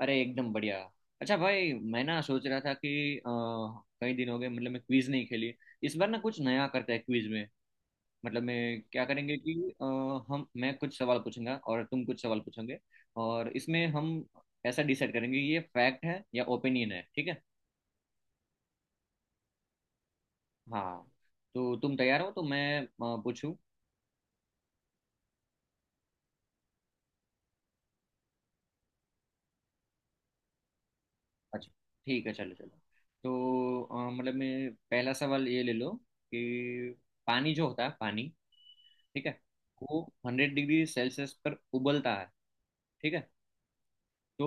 अरे एकदम बढ़िया। अच्छा भाई मैं ना सोच रहा था कि कई दिन हो गए, मतलब मैं क्विज नहीं खेली। इस बार ना कुछ नया करते हैं क्विज में। मतलब मैं क्या करेंगे कि अ, हम मैं कुछ सवाल पूछूंगा और तुम कुछ सवाल पूछोगे। और इसमें हम ऐसा डिसाइड करेंगे ये फैक्ट है या ओपिनियन है, ठीक है। हाँ, तो तुम तैयार हो तो मैं पूछूं। अच्छा, ठीक है। चलो चलो। तो मतलब मैं पहला सवाल ये ले लो कि पानी जो होता है पानी, ठीक है, वो हंड्रेड डिग्री सेल्सियस पर उबलता है, ठीक है। तो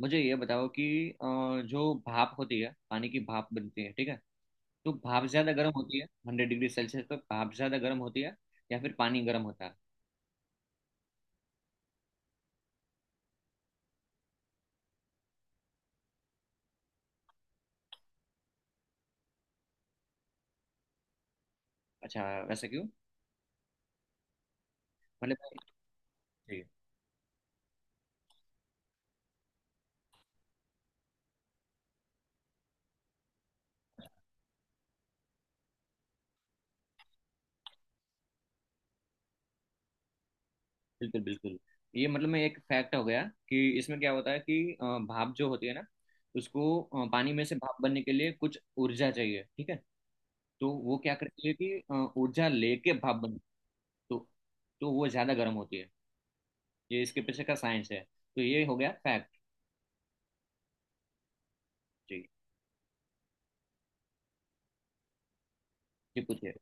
मुझे ये बताओ कि अ, जो भाप होती है, पानी की भाप बनती है, ठीक है, तो भाप ज्यादा गर्म होती है हंड्रेड डिग्री सेल्सियस पर, भाप ज्यादा गर्म होती है या फिर पानी गर्म होता है। अच्छा, वैसा क्यों। मतलब जी। बिल्कुल बिल्कुल। ये मतलब मैं एक फैक्ट हो गया कि इसमें क्या होता है कि भाप जो होती है ना, उसको पानी में से भाप बनने के लिए कुछ ऊर्जा चाहिए, ठीक है। तो वो क्या करती है कि ऊर्जा लेके भाप बनती है। तो तो वो ज़्यादा गर्म होती है। ये इसके पीछे का साइंस है, तो ये हो गया फैक्ट। जी। जी, पूछिए।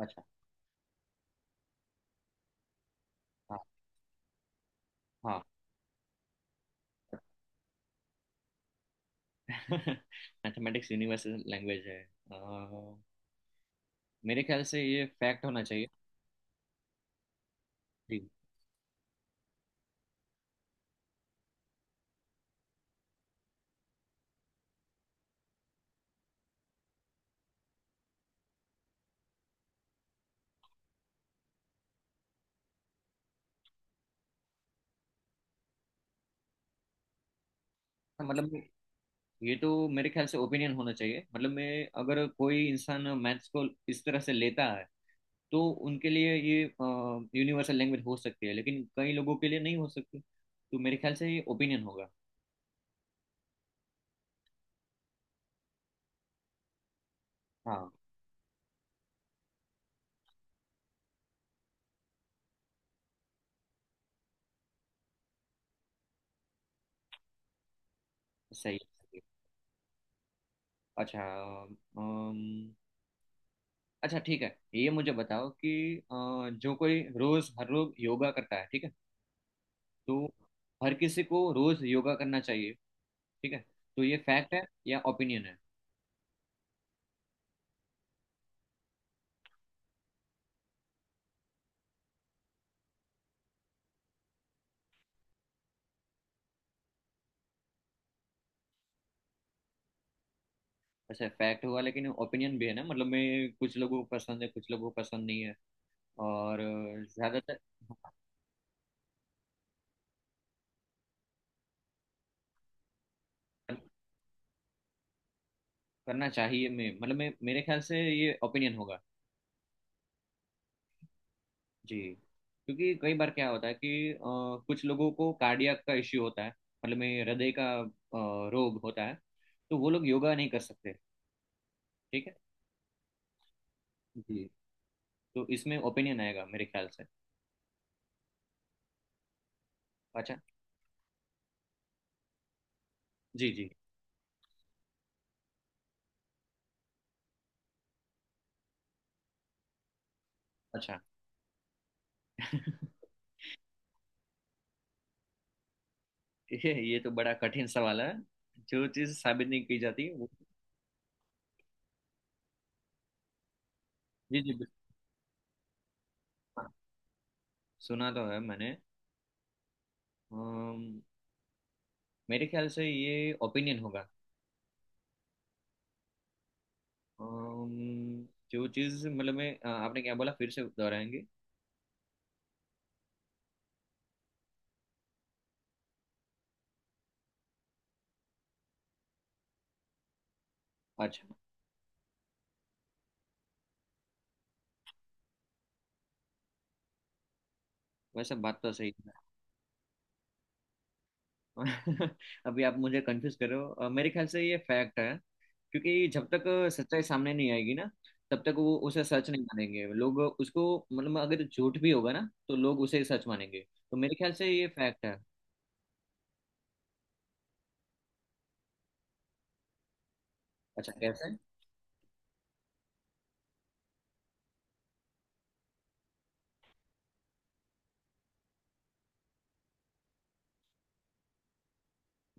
अच्छा। हाँ। हाँ। मैथमेटिक्स यूनिवर्सल लैंग्वेज है। अ, मेरे ख्याल से ये फैक्ट होना चाहिए। जी। मतलब ये तो मेरे ख्याल से ओपिनियन होना चाहिए, मतलब मैं अगर कोई इंसान मैथ्स को इस तरह से लेता है, तो उनके लिए ये यूनिवर्सल लैंग्वेज हो सकती है, लेकिन कई लोगों के लिए नहीं हो सकती, तो मेरे ख्याल से ये ओपिनियन होगा। हाँ, सही है। सही है। अच्छा। अच्छा, ठीक है। ये मुझे बताओ कि जो कोई रोज हर रोज योगा करता है, ठीक है, तो हर किसी को रोज योगा करना चाहिए, ठीक है, तो ये फैक्ट है या ओपिनियन है। अच्छा, फैक्ट हुआ, लेकिन ओपिनियन भी है ना, मतलब मैं कुछ लोगों को पसंद है, कुछ लोगों को पसंद नहीं है, और ज्यादातर करना चाहिए मैं, मतलब मैं मेरे ख्याल से ये ओपिनियन होगा। जी। क्योंकि कई बार क्या होता है कि कुछ लोगों को कार्डियक का इश्यू होता है, मतलब में हृदय का रोग होता है, तो वो लोग योगा नहीं कर सकते, ठीक है। जी, तो इसमें ओपिनियन आएगा मेरे ख्याल से। अच्छा। जी जी। अच्छा। ये तो बड़ा कठिन सवाल है। जो चीज़ साबित नहीं की जाती, वो। जी जी, बिल्कुल। हाँ, सुना तो है मैंने। अम्म, मेरे ख्याल से ये ओपिनियन होगा। अम्म, जो चीज़ मतलब मैं, आपने क्या बोला, फिर से दोहराएंगे। अच्छा, वैसे बात तो सही है। अभी आप मुझे कंफ्यूज कर रहे हो। मेरे ख्याल से ये फैक्ट है, क्योंकि जब तक सच्चाई सामने नहीं आएगी ना, तब तक वो उसे सच नहीं मानेंगे लोग उसको, मतलब अगर झूठ भी होगा ना, तो लोग उसे सच मानेंगे। तो मेरे ख्याल से ये फैक्ट है। अच्छा, कैसे।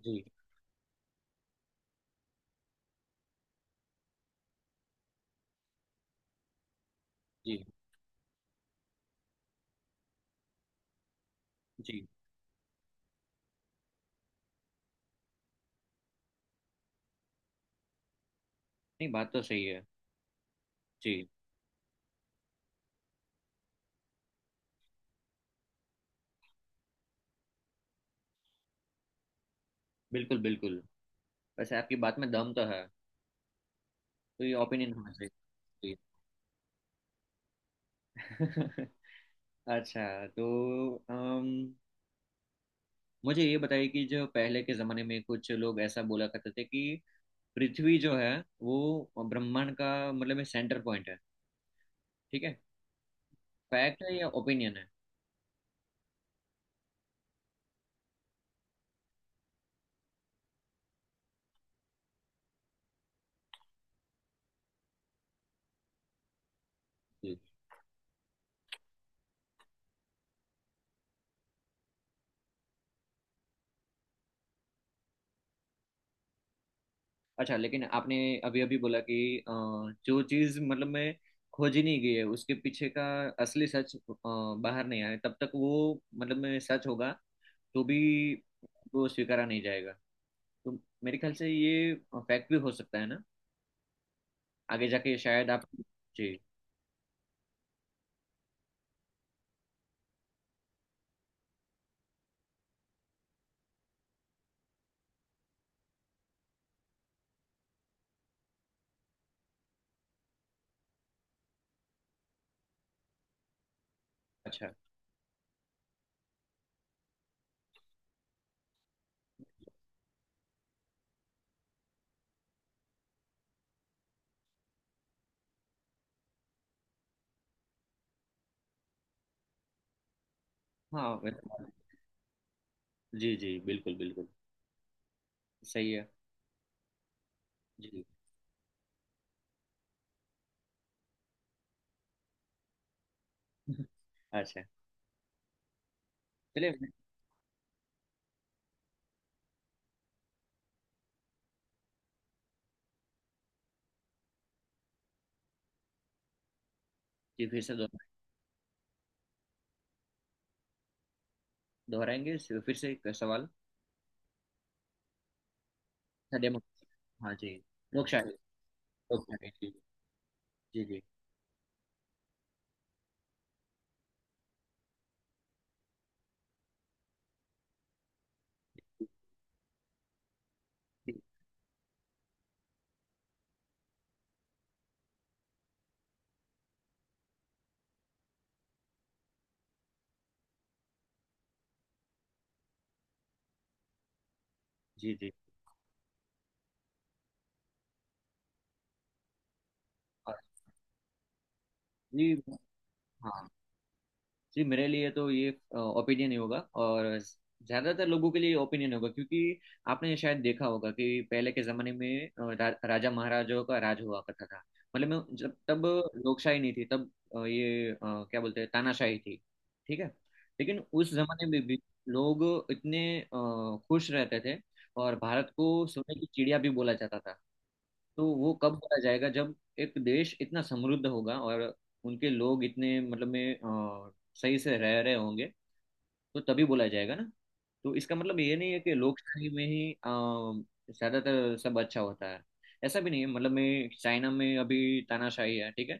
जी। जी। जी, नहीं बात तो सही है। जी, बिल्कुल बिल्कुल। वैसे आपकी बात में दम तो है, तो ये ओपिनियन होना चाहिए। जी। अच्छा। तो मुझे ये बताइए कि जो पहले के जमाने में कुछ लोग ऐसा बोला करते थे कि पृथ्वी जो है, वो ब्रह्मांड का मतलब सेंटर पॉइंट है, ठीक है, फैक्ट है या ओपिनियन है। जी। अच्छा, लेकिन आपने अभी अभी बोला कि अ, जो चीज मतलब में खोजी नहीं गई है, उसके पीछे का असली सच बाहर नहीं आया तब तक, वो मतलब में सच होगा तो भी वो स्वीकारा नहीं जाएगा, तो मेरे ख्याल से ये फैक्ट भी हो सकता है ना, आगे जाके शायद आप। जी। अच्छा। हाँ। जी जी, बिल्कुल बिल्कुल। सही है। जी। अच्छा, चलिए। जी, फिर से दोहराएंगे, फिर से एक सवाल। अच्छा, डेमो। हाँ जी। लोक शायरी, लोक शायरी। जी जी। जी जी। जी जी। और। जी। हाँ। जी, मेरे लिए तो ये ओपिनियन ही होगा, और ज़्यादातर लोगों के लिए ओपिनियन होगा, क्योंकि आपने शायद देखा होगा कि पहले के ज़माने में राजा महाराजाओं का राज हुआ करता था, मतलब मैं जब तब लोकशाही नहीं थी, तब ये क्या बोलते हैं, तानाशाही थी, ठीक है। लेकिन उस ज़माने में भी लोग इतने खुश रहते थे, और भारत को सोने की चिड़िया भी बोला जाता था। तो वो कब बोला जाएगा, जब एक देश इतना समृद्ध होगा, और उनके लोग इतने मतलब में सही से रह रहे होंगे, तो तभी बोला जाएगा ना। तो इसका मतलब ये नहीं है कि लोकशाही में ही ज्यादातर सब अच्छा होता है, ऐसा भी नहीं है, मतलब मैं चाइना में अभी तानाशाही है, ठीक है,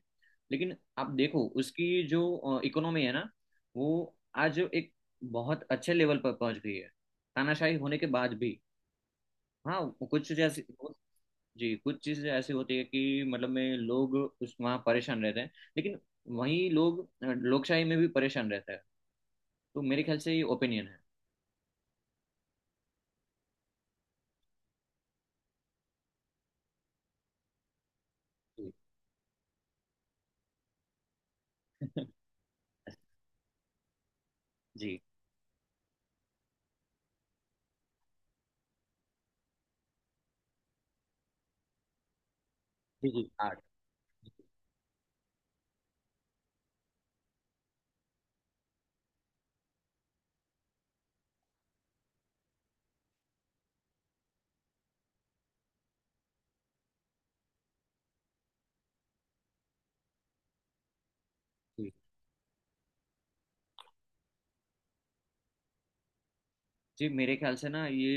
लेकिन आप देखो उसकी जो इकोनॉमी है ना, वो आज एक बहुत अच्छे लेवल पर पहुंच गई है, तानाशाही होने के बाद भी। हाँ, कुछ जैसे। जी, कुछ चीज़ें ऐसी होती है कि मतलब में लोग उस वहाँ परेशान रहते हैं, लेकिन वहीं लोग लोकशाही में भी परेशान रहते हैं, तो मेरे ख्याल से ये ओपिनियन है। जी। जी जी। जी आर्ट। जी, जी मेरे ख्याल से ना ये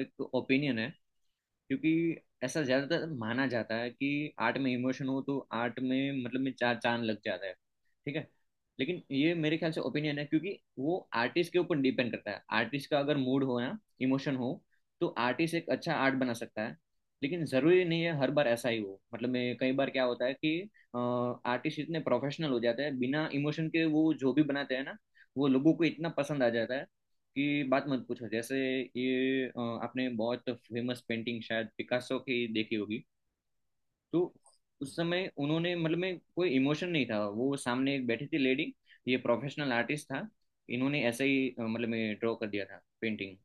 एक ओपिनियन है, क्योंकि ऐसा ज्यादातर माना जाता है कि आर्ट में इमोशन हो तो आर्ट में मतलब में चार चांद लग जाता है, ठीक है। लेकिन ये मेरे ख्याल से ओपिनियन है, क्योंकि वो आर्टिस्ट के ऊपर डिपेंड करता है, आर्टिस्ट का अगर मूड हो ना, इमोशन हो, तो आर्टिस्ट एक अच्छा आर्ट बना सकता है। लेकिन जरूरी नहीं है हर बार ऐसा ही हो, मतलब मैं कई बार क्या होता है कि आर्टिस्ट इतने प्रोफेशनल हो जाते हैं बिना इमोशन के वो जो भी बनाते हैं ना, वो लोगों को इतना पसंद आ जाता है की बात मत पूछो। जैसे ये आपने बहुत फेमस पेंटिंग शायद पिकासो की देखी होगी। तो उस समय उन्होंने मतलब में कोई इमोशन नहीं था, वो सामने एक बैठी थी लेडी, ये प्रोफेशनल आर्टिस्ट था, इन्होंने ऐसे ही मतलब में ड्रॉ कर दिया था पेंटिंग।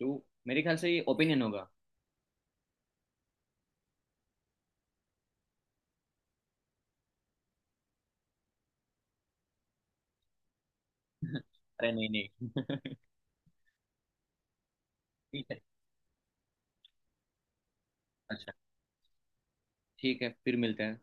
तो मेरे ख्याल से ये ओपिनियन होगा। अरे नहीं नहीं। ठीक है। अच्छा, ठीक है, फिर मिलते हैं।